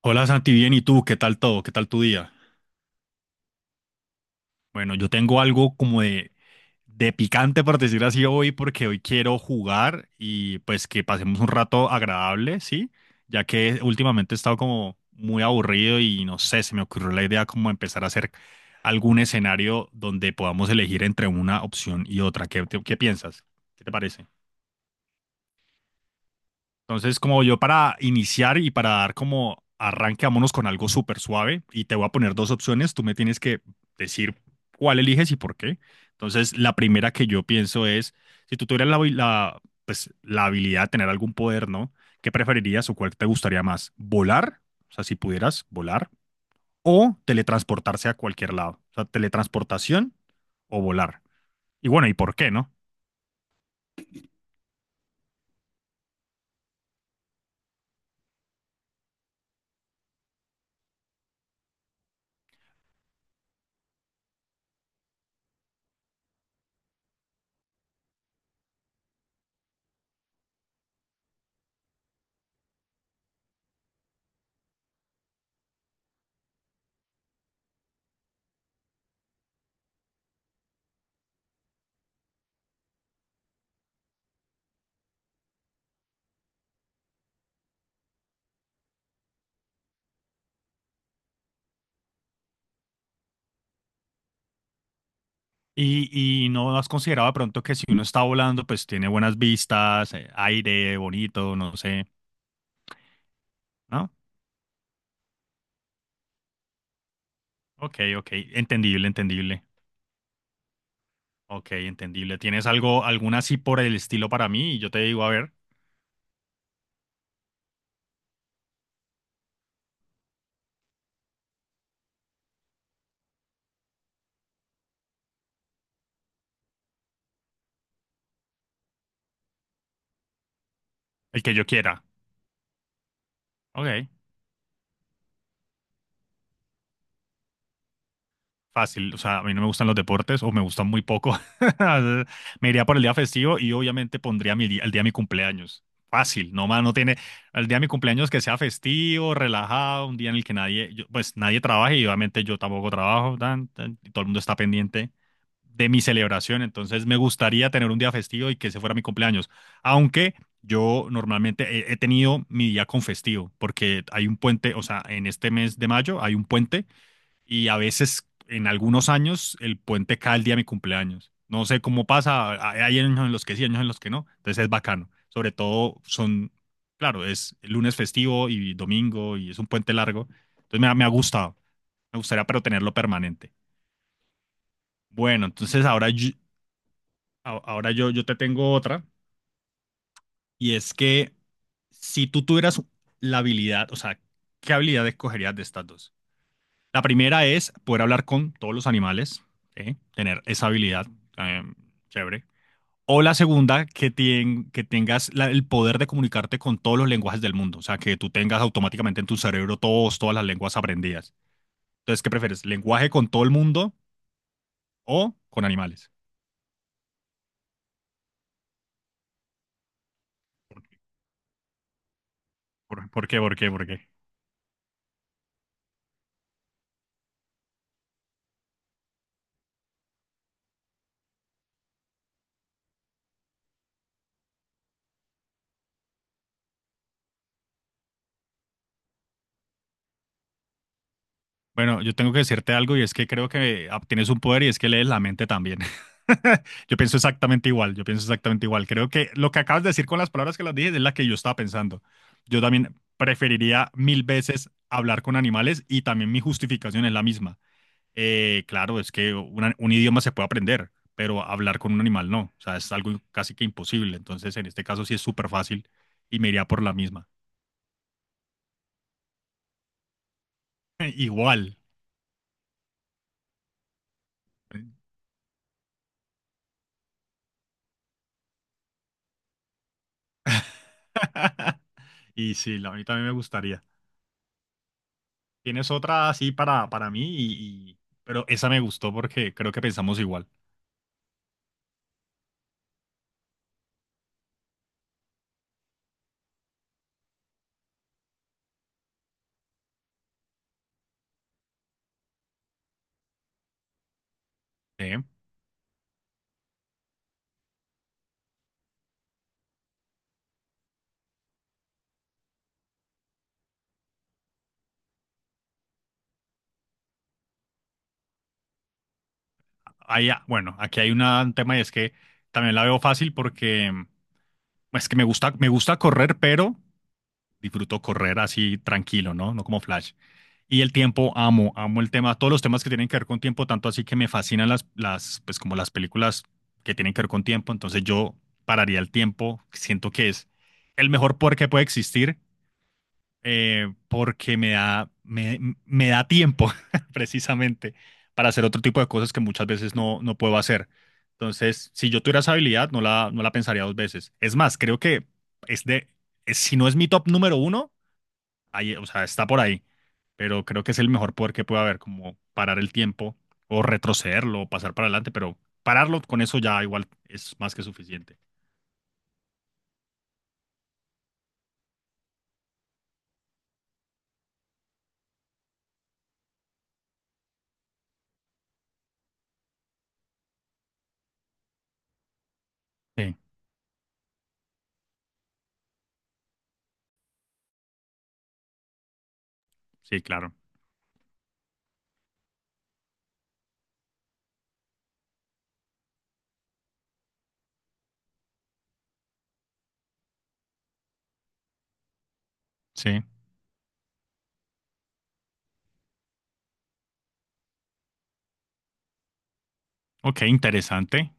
Hola Santi, bien, ¿y tú? ¿Qué tal todo? ¿Qué tal tu día? Bueno, yo tengo algo como de picante, por decir así, hoy, porque hoy quiero jugar y pues que pasemos un rato agradable, ¿sí? Ya que últimamente he estado como muy aburrido y no sé, se me ocurrió la idea como empezar a hacer algún escenario donde podamos elegir entre una opción y otra. ¿Qué piensas? ¿Qué te parece? Entonces, como yo para iniciar y para dar como arranque, vámonos con algo súper suave y te voy a poner dos opciones. Tú me tienes que decir cuál eliges y por qué. Entonces, la primera que yo pienso es, si tú tuvieras pues, la habilidad de tener algún poder, ¿no? ¿Qué preferirías o cuál te gustaría más? ¿Volar? O sea, si pudieras volar o teletransportarse a cualquier lado. O sea, teletransportación o volar. Y bueno, ¿y por qué, no? Y, no has considerado de pronto que si uno está volando, pues tiene buenas vistas, aire bonito, no sé, ¿no? Ok, ok, entendible, entendible. Ok, entendible. ¿Tienes algo, alguna así por el estilo para mí? Y yo te digo, a ver, el que yo quiera. Ok. Fácil, o sea, a mí no me gustan los deportes o me gustan muy poco. Me iría por el día festivo y obviamente pondría mi día- el día de mi cumpleaños. Fácil, no más, no tiene el día de mi cumpleaños que sea festivo, relajado, un día en el que nadie, yo- pues nadie trabaje y obviamente yo tampoco trabajo, tan, tan, y todo el mundo está pendiente de mi celebración, entonces me gustaría tener un día festivo y que ese fuera mi cumpleaños, aunque yo normalmente he tenido mi día con festivo, porque hay un puente, o sea, en este mes de mayo hay un puente y a veces en algunos años el puente cae el día de mi cumpleaños. No sé cómo pasa, hay años en los que sí, años en los que no, entonces es bacano. Sobre todo son, claro, es lunes festivo y domingo y es un puente largo, entonces me ha gustado, me gustaría pero tenerlo permanente. Bueno, entonces ahora yo te tengo otra y es que si tú tuvieras la habilidad, o sea, ¿qué habilidad escogerías de estas dos? La primera es poder hablar con todos los animales, ¿sí? Tener esa habilidad eh, chévere. O la segunda, que tengas la- el poder de comunicarte con todos los lenguajes del mundo, o sea, que tú tengas automáticamente en tu cerebro todas las lenguas aprendidas. Entonces, ¿qué prefieres? ¿Lenguaje con todo el mundo o con animales? ¿Por qué? ¿Por qué? ¿Por qué? Bueno, yo tengo que decirte algo y es que creo que tienes un poder y es que lees la mente también. Yo pienso exactamente igual, yo pienso exactamente igual. Creo que lo que acabas de decir con las palabras que las dije es la que yo estaba pensando. Yo también preferiría mil veces hablar con animales y también mi justificación es la misma. Claro, es que una- un idioma se puede aprender, pero hablar con un animal no. O sea, es algo casi que imposible. Entonces, en este caso sí es súper fácil y me iría por la misma. Igual. Y sí, la- a mí también me gustaría. Tienes otra así para mí, y- pero esa me gustó porque creo que pensamos igual. ¿Eh? Ahí, bueno, aquí hay una- un tema y es que también la veo fácil porque es que me gusta correr, pero disfruto correr así tranquilo, ¿no? No como Flash. Y el tiempo, amo, amo el tema, todos los temas que tienen que ver con tiempo, tanto así que me fascinan las, pues como las películas que tienen que ver con tiempo. Entonces yo pararía el tiempo, siento que es el mejor poder que puede existir porque me da tiempo precisamente para hacer otro tipo de cosas que muchas veces no puedo hacer. Entonces, si yo tuviera esa habilidad, no la pensaría dos veces. Es más, creo que es de, es- si no es mi top número uno, ahí, o sea, está por ahí, pero creo que es el mejor poder que puede haber, como parar el tiempo o retrocederlo o pasar para adelante, pero pararlo con eso ya igual es más que suficiente. Sí, sí, claro. Sí. Ok, interesante.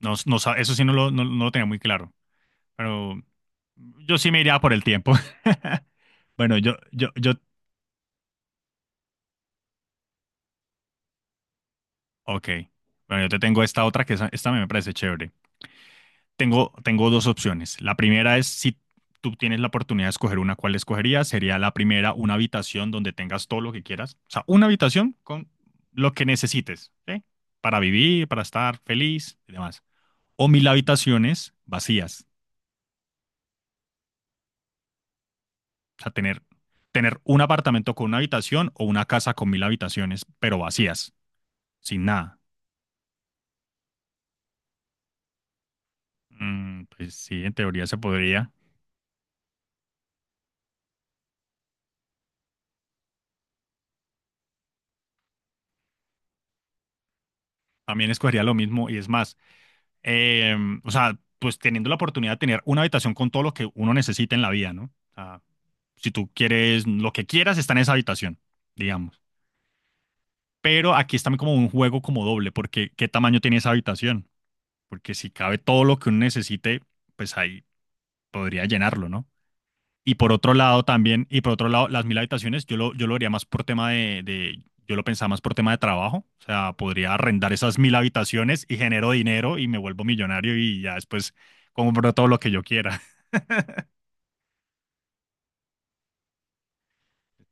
Eso sí no lo, no- no lo tenía muy claro, pero yo sí me iría por el tiempo. Bueno, ok. Bueno, yo te tengo esta otra que esa- esta me parece chévere. Tengo dos opciones. La primera es si tú tienes la oportunidad de escoger una, ¿cuál escogerías? Sería la primera, una habitación donde tengas todo lo que quieras. O sea, una habitación con lo que necesites, ¿sí? Para vivir, para estar feliz y demás. O mil habitaciones vacías. O sea, tener un apartamento con una habitación o una casa con mil habitaciones, pero vacías, sin nada. Mm, pues sí, en teoría se podría. También escogería lo mismo y es más, eh, o sea, pues teniendo la oportunidad de tener una habitación con todo lo que uno necesita en la vida, ¿no? O sea, si tú quieres lo que quieras, está en esa habitación, digamos. Pero aquí está como un juego como doble, porque ¿qué tamaño tiene esa habitación? Porque si cabe todo lo que uno necesite, pues ahí podría llenarlo, ¿no? Y por otro lado también, y por otro lado, las mil habitaciones, yo lo haría más por tema yo lo pensaba más por tema de trabajo. O sea, podría arrendar esas mil habitaciones y genero dinero y me vuelvo millonario y ya después compro todo lo que yo quiera.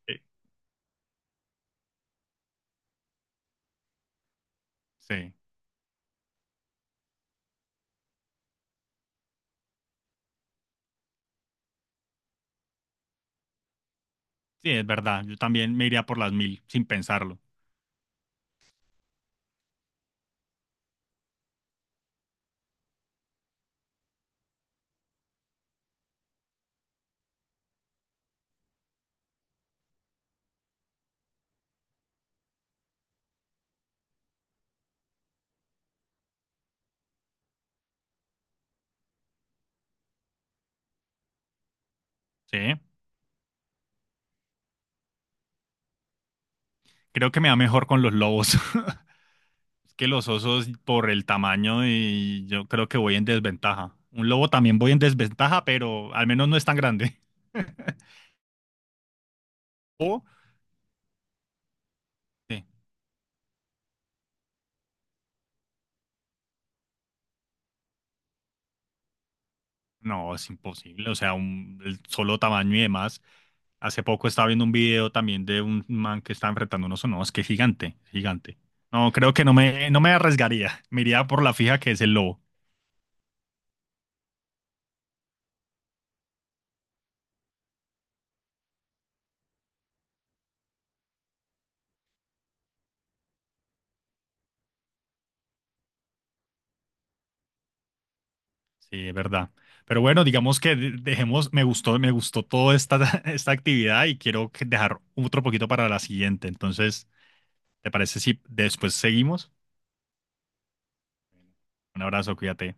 Eh, Sí, sí, es verdad. Yo también me iría por las mil sin pensarlo. Sí, creo que me va mejor con los lobos. Es que los osos por el tamaño y yo creo que voy en desventaja. Un lobo también voy en desventaja, pero al menos no es tan grande. O, sí. No, es imposible. O sea, un, el solo tamaño y demás. Hace poco estaba viendo un video también de un man que estaba enfrentando unos oso. No, es que es gigante, gigante. No, creo que no me arriesgaría. Me iría por la fija que es el lobo. Sí, es verdad. Pero bueno, digamos que de- dejemos, me gustó toda esta, esta actividad y quiero que- dejar otro poquito para la siguiente. Entonces, ¿te parece si después seguimos? Un abrazo, cuídate.